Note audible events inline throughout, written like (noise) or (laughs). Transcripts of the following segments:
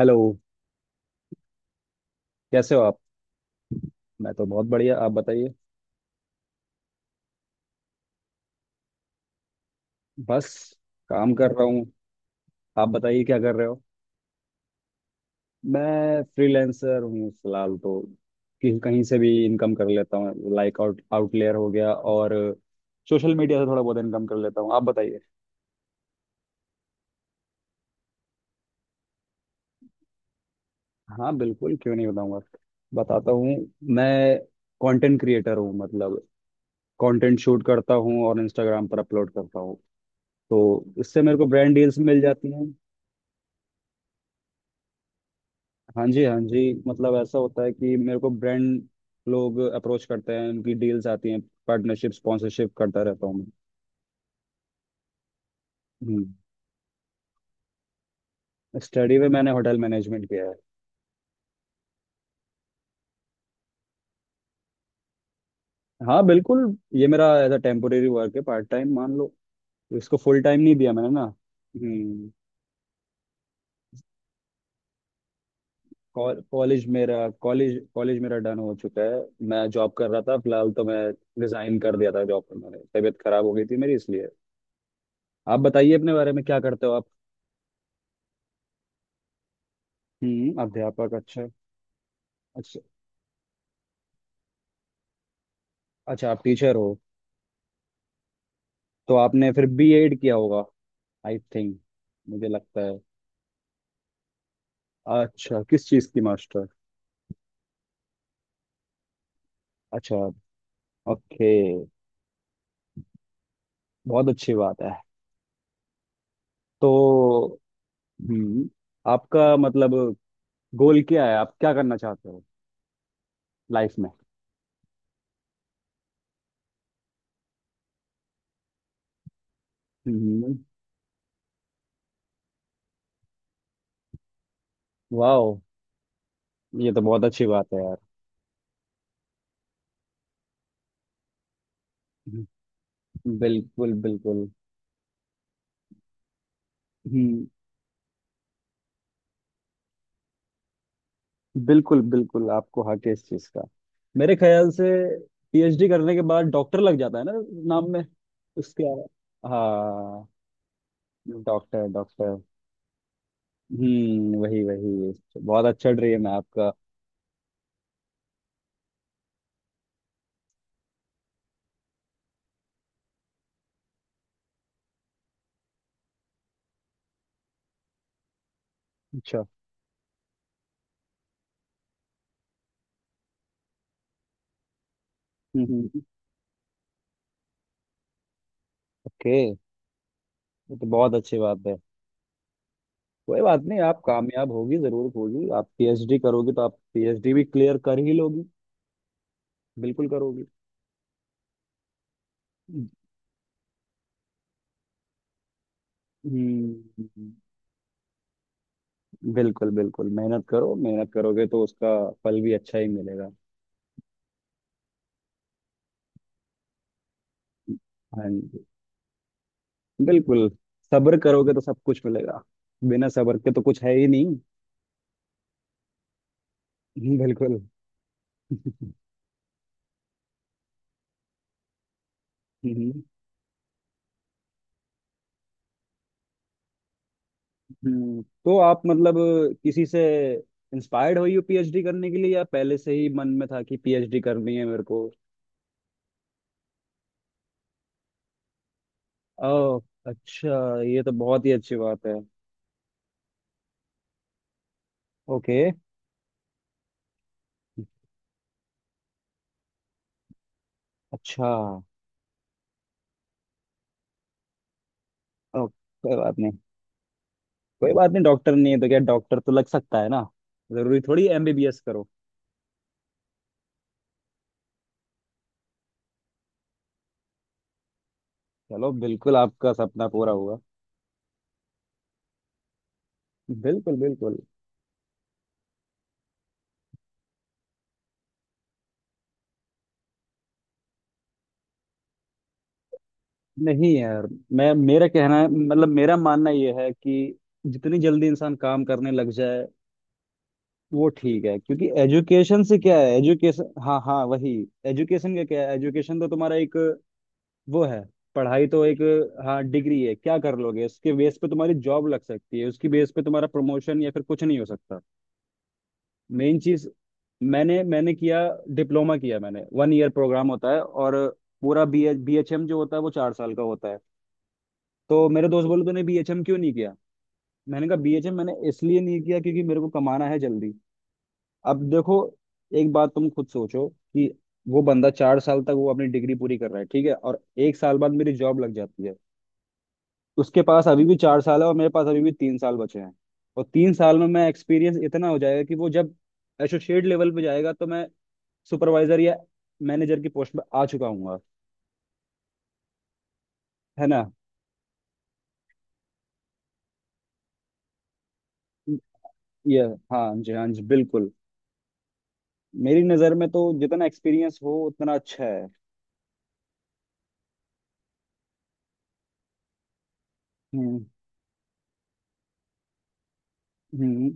Hello. कैसे हो आप? मैं तो बहुत बढ़िया, आप बताइए। बस काम कर रहा हूँ। आप बताइए क्या कर रहे हो? मैं फ्रीलांसर हूँ फिलहाल तो, कि कहीं से भी इनकम कर लेता हूँ। लाइक आउट आउटलेयर हो गया और सोशल मीडिया से थोड़ा बहुत इनकम कर लेता हूँ। आप बताइए। हाँ बिल्कुल, क्यों नहीं बताऊंगा। बताता हूँ। मैं कंटेंट क्रिएटर हूँ, मतलब कंटेंट शूट करता हूँ और इंस्टाग्राम पर अपलोड करता हूँ। तो इससे मेरे को ब्रांड डील्स मिल जाती हैं। हाँ जी, हाँ जी, मतलब ऐसा होता है कि मेरे को ब्रांड लोग अप्रोच करते हैं, उनकी डील्स आती हैं। पार्टनरशिप, स्पॉन्सरशिप करता रहता हूँ मैं। हम्म। स्टडी में मैंने होटल मैनेजमेंट किया है। हाँ बिल्कुल, ये मेरा एज अ टेम्पोरेरी वर्क है, पार्ट टाइम मान लो। इसको फुल टाइम नहीं दिया मैंने ना। हम्म। कॉलेज मेरा कॉलेज मेरा डन हो चुका है। मैं जॉब कर रहा था फिलहाल, तो मैं रिजाइन कर दिया था जॉब पर मैंने, तबीयत खराब हो गई थी मेरी इसलिए। आप बताइए अपने बारे में, क्या करते हो आप? हम्म, अध्यापक, अच्छा। अच्छा अच्छा, आप टीचर हो। तो आपने फिर बी एड किया होगा, आई थिंक, मुझे लगता है। अच्छा, किस चीज की मास्टर? अच्छा, ओके, बहुत अच्छी बात है। तो हम्म, आपका मतलब गोल क्या है, आप क्या करना चाहते हो लाइफ में? हम्म, वाह, ये तो बहुत अच्छी बात है यार। बिल्कुल बिल्कुल। हम्म, बिल्कुल बिल्कुल, आपको हक है इस चीज का। मेरे ख्याल से पीएचडी करने के बाद डॉक्टर लग जाता है ना, नाम में, उसके। हाँ, डॉक्टर डॉक्टर। हम्म, वही वही, बहुत अच्छा ड्रीम है आपका। अच्छा, हम्म, ओके, ये तो बहुत अच्छी बात है। कोई बात नहीं, आप कामयाब होगी, जरूर होगी, आप पीएचडी करोगी तो आप पीएचडी भी क्लियर कर ही लोगी, बिल्कुल करोगी। हम्म, बिल्कुल बिल्कुल, मेहनत करो, मेहनत करोगे तो उसका फल भी अच्छा ही मिलेगा। हाँ जी, बिल्कुल, सब्र करोगे तो सब कुछ मिलेगा, बिना सब्र के तो कुछ है ही नहीं। बिल्कुल। हम्म, तो आप मतलब किसी से इंस्पायर्ड हुई हो पीएचडी करने के लिए, या पहले से ही मन में था कि पीएचडी करनी है मेरे को? ओह, अच्छा, ये तो बहुत ही अच्छी बात है। ओके, अच्छा, ओ, कोई बात नहीं, कोई बात नहीं, डॉक्टर नहीं है तो क्या, डॉक्टर तो लग सकता है ना। जरूरी थोड़ी एमबीबीएस करो। चलो बिल्कुल, आपका सपना पूरा हुआ। बिल्कुल बिल्कुल। नहीं यार, मैं मेरा कहना है मतलब मेरा मानना यह है कि जितनी जल्दी इंसान काम करने लग जाए वो ठीक है। क्योंकि एजुकेशन से क्या है, एजुकेशन, हाँ हाँ वही, एजुकेशन का क्या है, एजुकेशन तो तुम्हारा एक वो है, पढ़ाई तो एक, हाँ, डिग्री है, क्या कर लोगे उसके बेस पे? तुम्हारी जॉब लग सकती है उसकी बेस पे, तुम्हारा प्रमोशन, या फिर कुछ नहीं हो सकता। मेन चीज, मैंने मैंने किया डिप्लोमा, किया मैंने, वन ईयर प्रोग्राम होता है, और पूरा बी बी एच एम जो होता है वो चार साल का होता है। तो मेरे दोस्त बोले तूने बी एच एम क्यों नहीं किया? मैंने कहा बीएचए मैंने इसलिए नहीं किया क्योंकि मेरे को कमाना है जल्दी। अब देखो, एक बात तुम खुद सोचो कि वो बंदा चार साल तक वो अपनी डिग्री पूरी कर रहा है, ठीक है, और एक साल बाद मेरी जॉब लग जाती है। उसके पास अभी भी चार साल है और मेरे पास अभी भी तीन साल बचे हैं। और तीन साल में मैं, एक्सपीरियंस इतना हो जाएगा कि वो जब एसोसिएट लेवल पे जाएगा तो मैं सुपरवाइजर या मैनेजर की पोस्ट पे आ चुका हूँ। है ना? ये, हाँ जी, हाँ जी, बिल्कुल। मेरी नज़र में तो जितना एक्सपीरियंस हो उतना अच्छा है। हम्म हम्म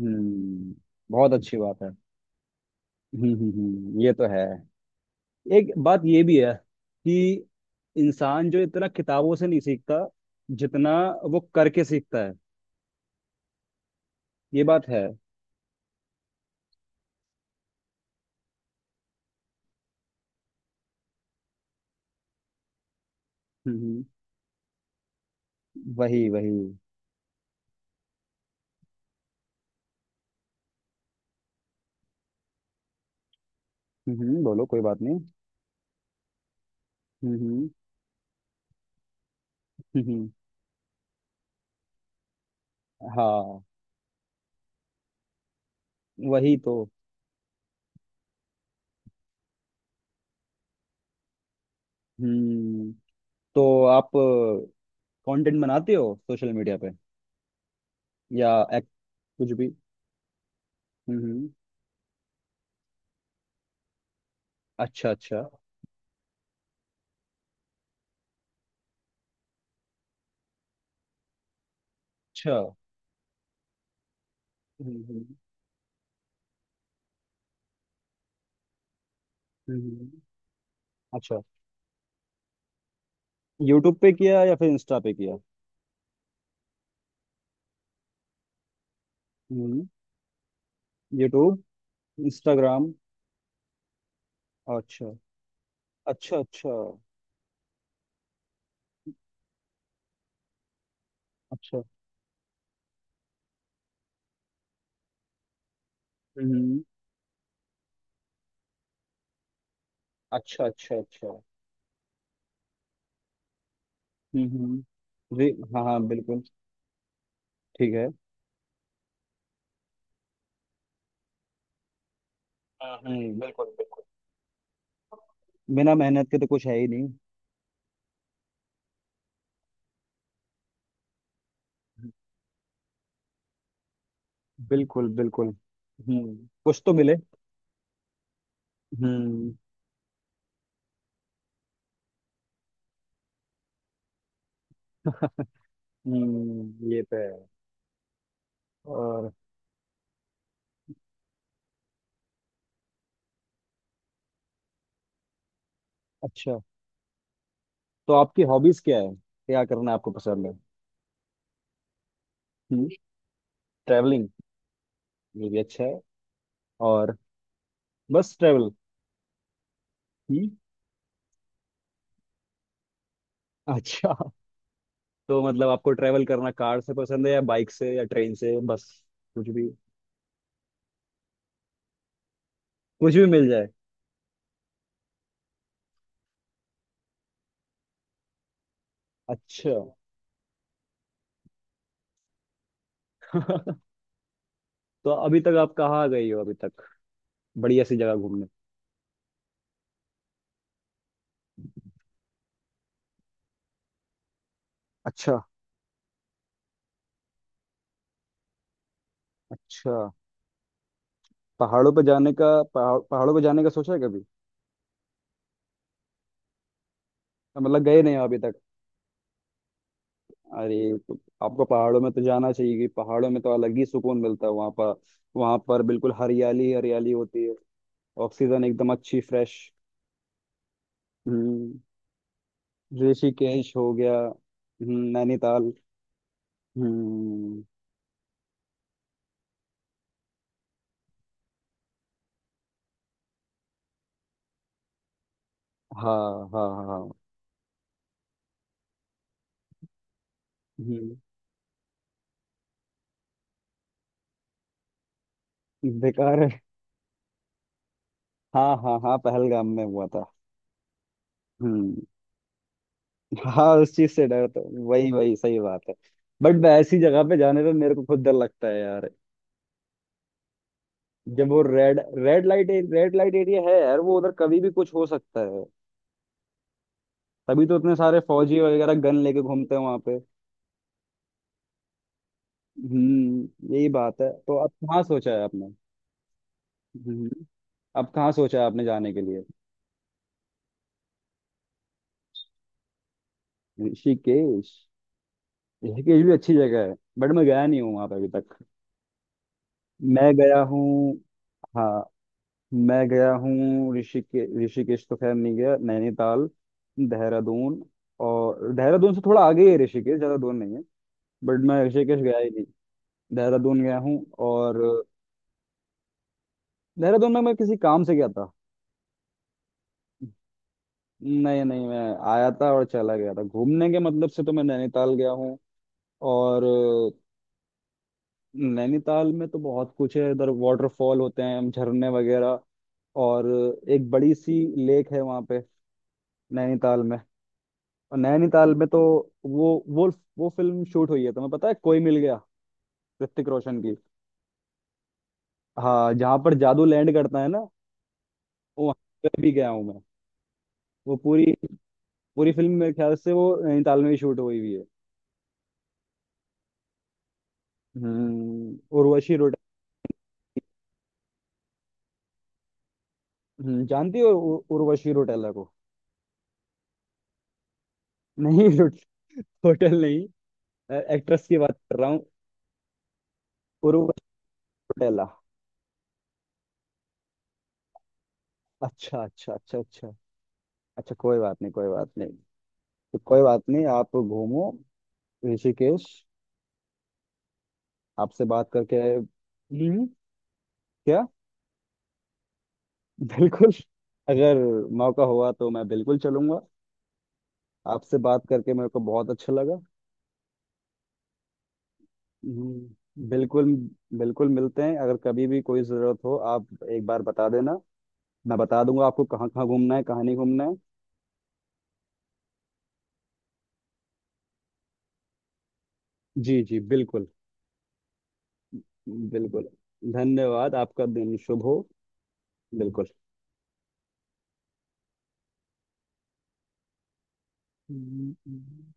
हम्म, बहुत अच्छी बात है। ये तो है, एक बात ये भी है कि इंसान जो इतना किताबों से नहीं सीखता जितना वो करके सीखता है, ये बात है। हम्म हम्म, वही वही। बोलो कोई बात नहीं। हम्म हम्म हम्म, हम्म, हाँ, वही तो। हम्म, तो आप कंटेंट बनाते हो सोशल मीडिया पे या एक, कुछ भी? हम्म हम्म, अच्छा अच्छा अच्छा। हम्म हम्म, हम्म, अच्छा। यूट्यूब पे किया या फिर इंस्टा पे किया? हम्म, यूट्यूब, इंस्टाग्राम, अच्छा अच्छा अच्छा अच्छा। हम्म, अच्छा अच्छा अच्छा। हम्म, जी, हाँ हाँ बिल्कुल, ठीक है। हाँ, बिल्कुल बिल्कुल, बिना मेहनत के तो कुछ है ही नहीं। बिल्कुल बिल्कुल। हम्म, कुछ तो मिले। हम्म, (laughs) ये तो है। और अच्छा, तो आपकी हॉबीज क्या है, क्या करना आपको पसंद है? हम्म, ट्रैवलिंग, ये भी अच्छा है। और, बस ट्रैवल? (laughs) हम्म, अच्छा, तो मतलब आपको ट्रेवल करना कार से पसंद है या बाइक से या ट्रेन से, बस कुछ भी? कुछ भी मिल जाए, अच्छा। (laughs) तो अभी तक आप कहाँ गई हो अभी तक, बढ़िया सी जगह घूमने? अच्छा अच्छा, पहाड़ों पे जाने का, पहाड़ों पे जाने का सोचा है कभी? मतलब गए नहीं हो अभी तक? अरे, तो आपको पहाड़ों में तो जाना चाहिए, कि पहाड़ों में तो अलग ही सुकून मिलता है वहाँ पर। वहाँ पर बिल्कुल हरियाली ही हरियाली होती है, ऑक्सीजन एकदम अच्छी फ्रेश। हम्म, ऋषिकेश हो गया, नैनीताल। हम्म, हाँ हाँ हाँ, हाँ, हम्म। बेकार है, हाँ हाँ हाँ, पहलगाम में हुआ था। हम्म, हाँ, उस चीज से डर तो, वही वही सही बात है, बट ऐसी जगह पे जाने पे मेरे को खुद डर लगता है यार। जब वो रेड, रेड लाइट एरिया है यार वो, उधर कभी भी कुछ हो सकता है। तभी तो इतने सारे फौजी वगैरह गन लेके घूमते हैं वहां पे। हम्म, यही बात है, तो अब कहाँ सोचा है आपने? हम्म, अब कहाँ सोचा है आपने जाने के लिए? ऋषिकेश, ऋषिकेश भी अच्छी जगह है, बट मैं गया नहीं हूँ वहां पर अभी तक। मैं गया हूँ, हाँ, मैं गया हूँ, ऋषिकेश, ऋषिकेश तो खैर नहीं गया, नैनीताल, देहरादून। और देहरादून से थोड़ा आगे ही है ऋषिकेश, ज्यादा दूर नहीं है, बट मैं ऋषिकेश गया ही नहीं, देहरादून गया हूँ। और देहरादून में मैं किसी काम से गया था। नहीं नहीं, मैं आया था और चला गया था, घूमने के मतलब से तो मैं नैनीताल गया हूँ और नैनीताल में तो बहुत कुछ है, इधर वाटरफॉल होते हैं, झरने वगैरह, और एक बड़ी सी लेक है वहां पे, नैनीताल में। और नैनीताल में तो, वो वो वो फिल्म शूट हुई है, तुम्हें पता है? कोई मिल गया, ऋतिक रोशन की। हाँ, जहाँ पर जादू लैंड करता है ना, वो वहां पे भी गया हूँ मैं। वो पूरी, पूरी फिल्म मेरे ख्याल से वो नैनीताल में ही शूट हुई हुई है। हम्म, उर्वशी रोटेला। हम्म, जानती हो उर्वशी रोटेला को? नहीं, होटल नहीं, एक्ट्रेस की बात कर रहा हूँ, उर्वशी रोटेला। अच्छा अच्छा अच्छा अच्छा, अच्छा, कोई बात नहीं, कोई बात नहीं, तो कोई बात नहीं, आप घूमो ऋषिकेश। आपसे बात करके, हम्म, क्या? (laughs) बिल्कुल, अगर मौका हुआ तो मैं बिल्कुल चलूंगा। आपसे बात करके मेरे को बहुत अच्छा लगा। बिल्कुल, बिल्कुल मिलते हैं, अगर कभी भी कोई ज़रूरत हो आप एक बार बता देना, मैं बता दूंगा आपको कहाँ कहाँ घूमना है कहाँ नहीं घूमना है। जी जी बिल्कुल। बिल्कुल, धन्यवाद, आपका दिन शुभ हो। बिल्कुल। हम्म, हम्म।